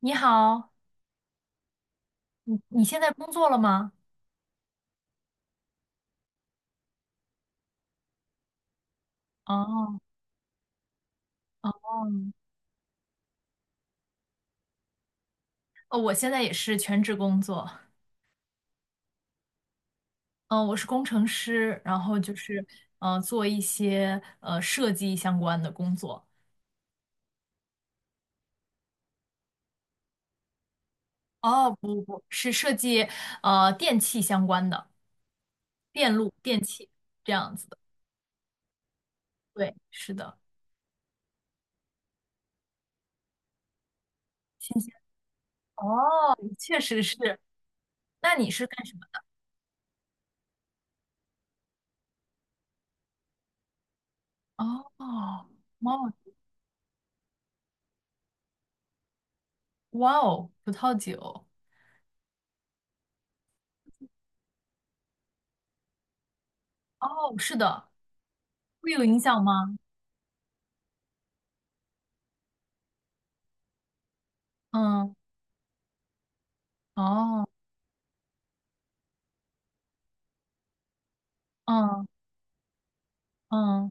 你好，你现在工作了吗？哦哦。哦，我现在也是全职工作。嗯、我是工程师，然后就是做一些设计相关的工作。哦，不，是设计电器相关的，电路、电器这样子的。对，是的。新鲜。哦，确实是。那你是干什么的？哦，哇哦。哇哦，葡萄酒。哦，是的。会有影响吗？嗯。哦。嗯。嗯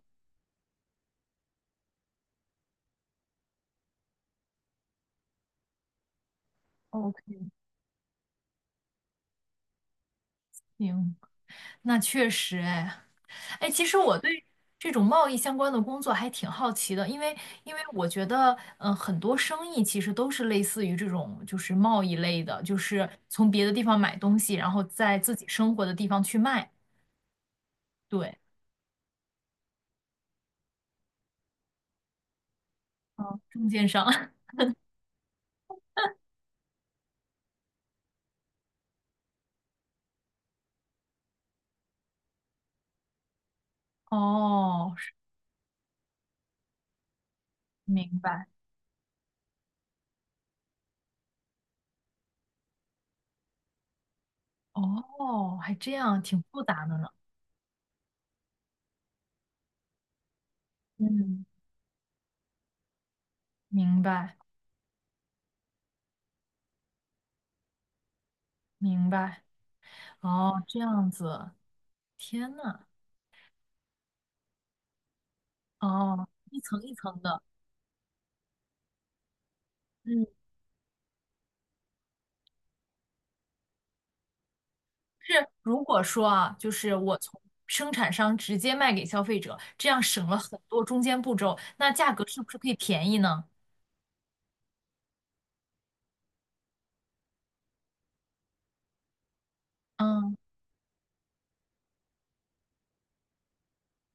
，OK，行，那确实哎。哎，其实我对这种贸易相关的工作还挺好奇的，因为我觉得，很多生意其实都是类似于这种，就是贸易类的，就是从别的地方买东西，然后在自己生活的地方去卖。对。嗯，中间商。哦，是。明白。哦，还这样，挺复杂的呢。嗯，明白明白。哦，这样子。天呐。哦，一层一层的。嗯。是如果说啊，就是我从生产商直接卖给消费者，这样省了很多中间步骤，那价格是不是可以便宜呢？嗯。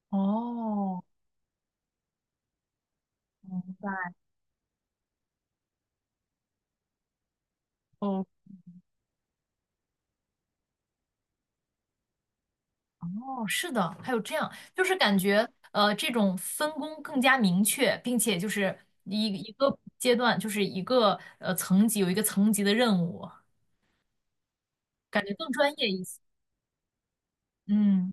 哦。明白。哦。哦，是的，还有这样，就是感觉，这种分工更加明确，并且就是一个阶段，就是一个层级有一个层级的任务，感觉更专业一些。嗯。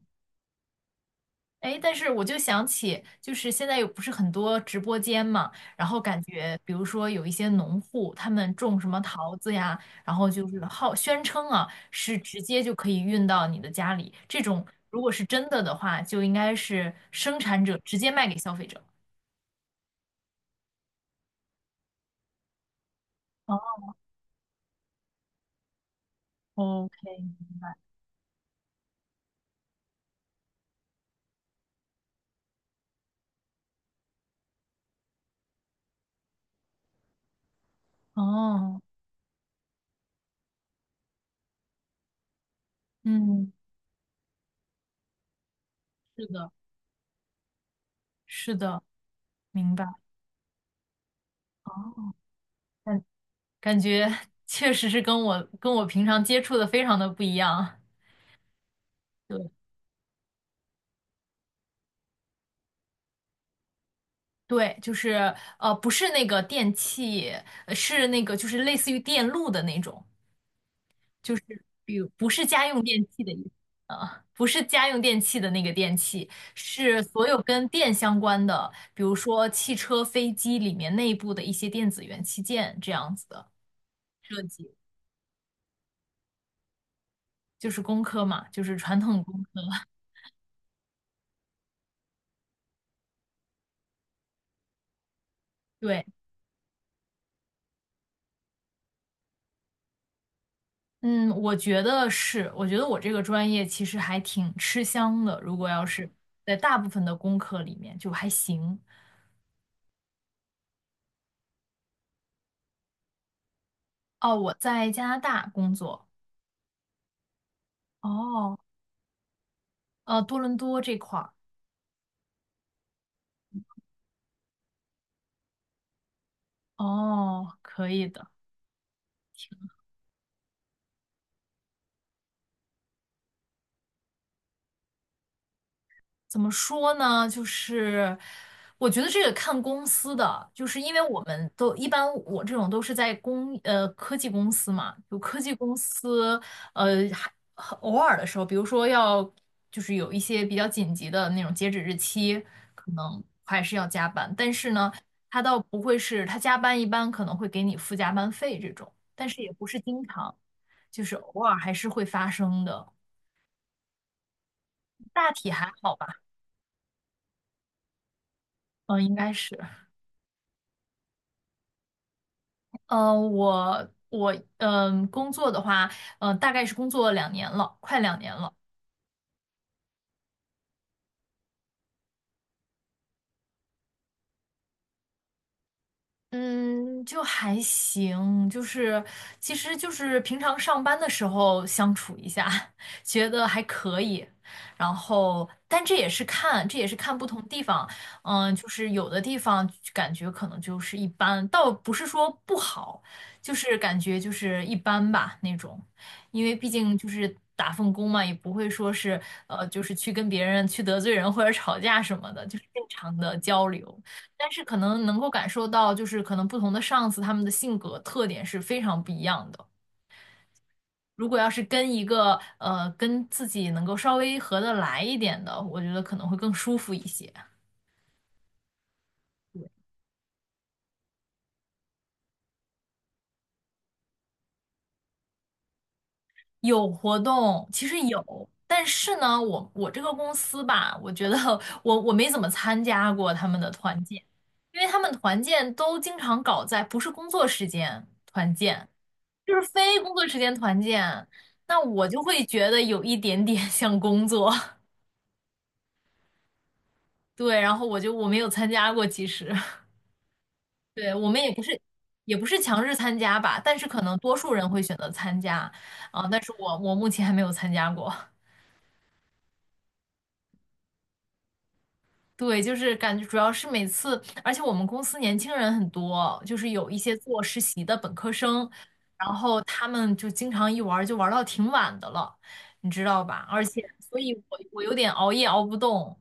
哎，但是我就想起，就是现在有不是很多直播间嘛，然后感觉，比如说有一些农户，他们种什么桃子呀，然后就是号宣称啊，是直接就可以运到你的家里。这种如果是真的的话，就应该是生产者直接卖给消费者。哦。OK。哦。嗯，是的，是的。明白。哦，感觉确实是跟我平常接触的非常的不一样。对。对，就是，不是那个电器，是那个就是类似于电路的那种，就是比如不是家用电器的意思。不是家用电器的那个电器，是所有跟电相关的，比如说汽车、飞机里面内部的一些电子元器件这样子的设计，就是工科嘛，就是传统工科。对。嗯，我觉得是，我觉得我这个专业其实还挺吃香的，如果要是在大部分的工科里面就还行。哦，我在加拿大工作。哦。多伦多这块儿。哦，可以的。怎么说呢？就是我觉得这个看公司的，就是因为我们都一般，我这种都是在科技公司嘛，就科技公司。还很偶尔的时候，比如说要有一些比较紧急的那种截止日期，可能还是要加班。但是呢，他倒不会是他加班，一般可能会给你付加班费这种，但是也不是经常，就是偶尔还是会发生的。大体还好吧。嗯，应该是。嗯，我工作的话，大概是工作两年了，快两年了。嗯，就还行，就是其实就是平常上班的时候相处一下，觉得还可以。然后，但这也是看，这也是看不同地方。嗯，就是有的地方感觉可能就是一般，倒不是说不好，就是感觉就是一般吧那种。因为毕竟就是打份工嘛，也不会说是，就是去跟别人去得罪人或者吵架什么的，就是正常的交流。但是可能能够感受到，就是可能不同的上司他们的性格特点是非常不一样的。如果要是跟一个跟自己能够稍微合得来一点的，我觉得可能会更舒服一些。有活动，其实有，但是呢，我这个公司吧，我觉得我没怎么参加过他们的团建，因为他们团建都经常搞在不是工作时间团建，就是非工作时间团建，那我就会觉得有一点点 像工作。对，然后我没有参加过，其实 对，我们也不是强制参加吧，但是可能多数人会选择参加啊，但是我目前还没有参加过。对，就是感觉主要是每次，而且我们公司年轻人很多，就是有一些做实习的本科生，然后他们就经常一玩儿就玩儿到挺晚的了，你知道吧？而且，所以我有点熬夜熬不动，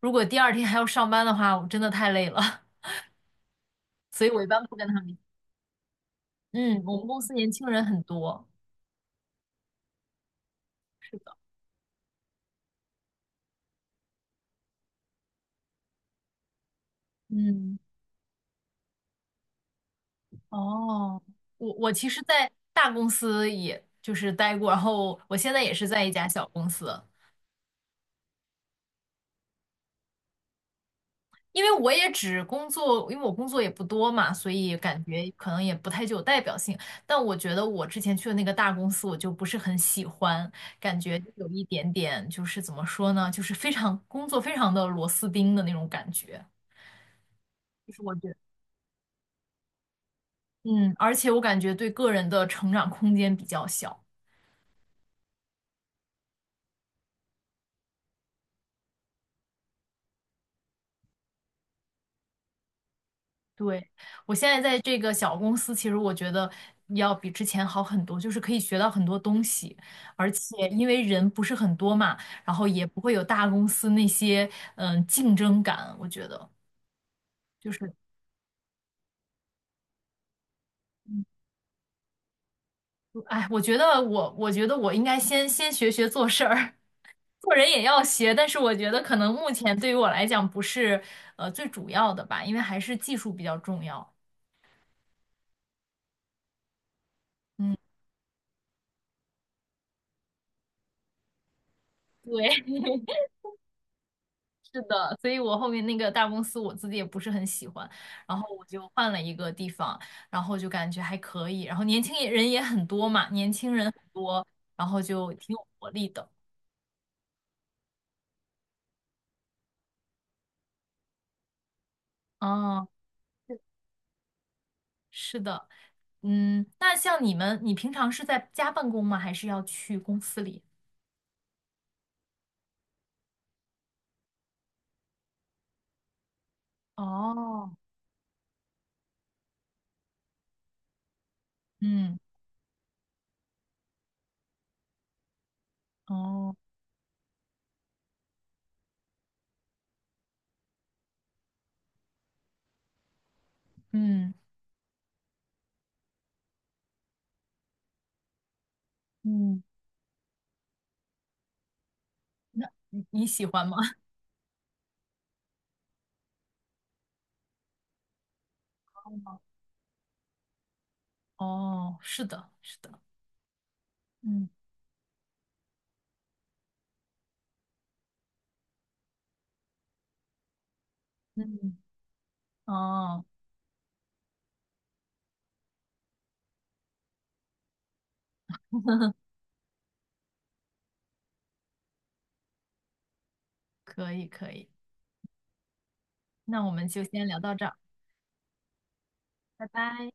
如果第二天还要上班的话，我真的太累了，所以我一般不跟他们。嗯，我们公司年轻人很多。嗯。哦，我其实，在大公司也就是待过，然后我现在也是在一家小公司。因为我也只工作，因为我工作也不多嘛，所以感觉可能也不太具有代表性。但我觉得我之前去的那个大公司，我就不是很喜欢，感觉有一点点就是怎么说呢，就是非常工作非常的螺丝钉的那种感觉，就是我觉得，嗯，而且我感觉对个人的成长空间比较小。对，我现在在这个小公司，其实我觉得要比之前好很多，就是可以学到很多东西，而且因为人不是很多嘛，然后也不会有大公司那些嗯竞争感，我觉得就是。嗯。哎，我觉得我应该先学学做事儿，做人也要学，但是我觉得可能目前对于我来讲不是最主要的吧，因为还是技术比较重要。嗯。对。是的，所以我后面那个大公司我自己也不是很喜欢，然后我就换了一个地方，然后就感觉还可以，然后年轻人也很多嘛，年轻人很多，然后就挺有活力的。哦，是的。嗯，那像你们，你平常是在家办公吗？还是要去公司里？哦。嗯。哦。嗯。嗯，那你你喜欢吗？哦，是的，是的。嗯嗯。哦，可以可以。那我们就先聊到这儿，拜拜。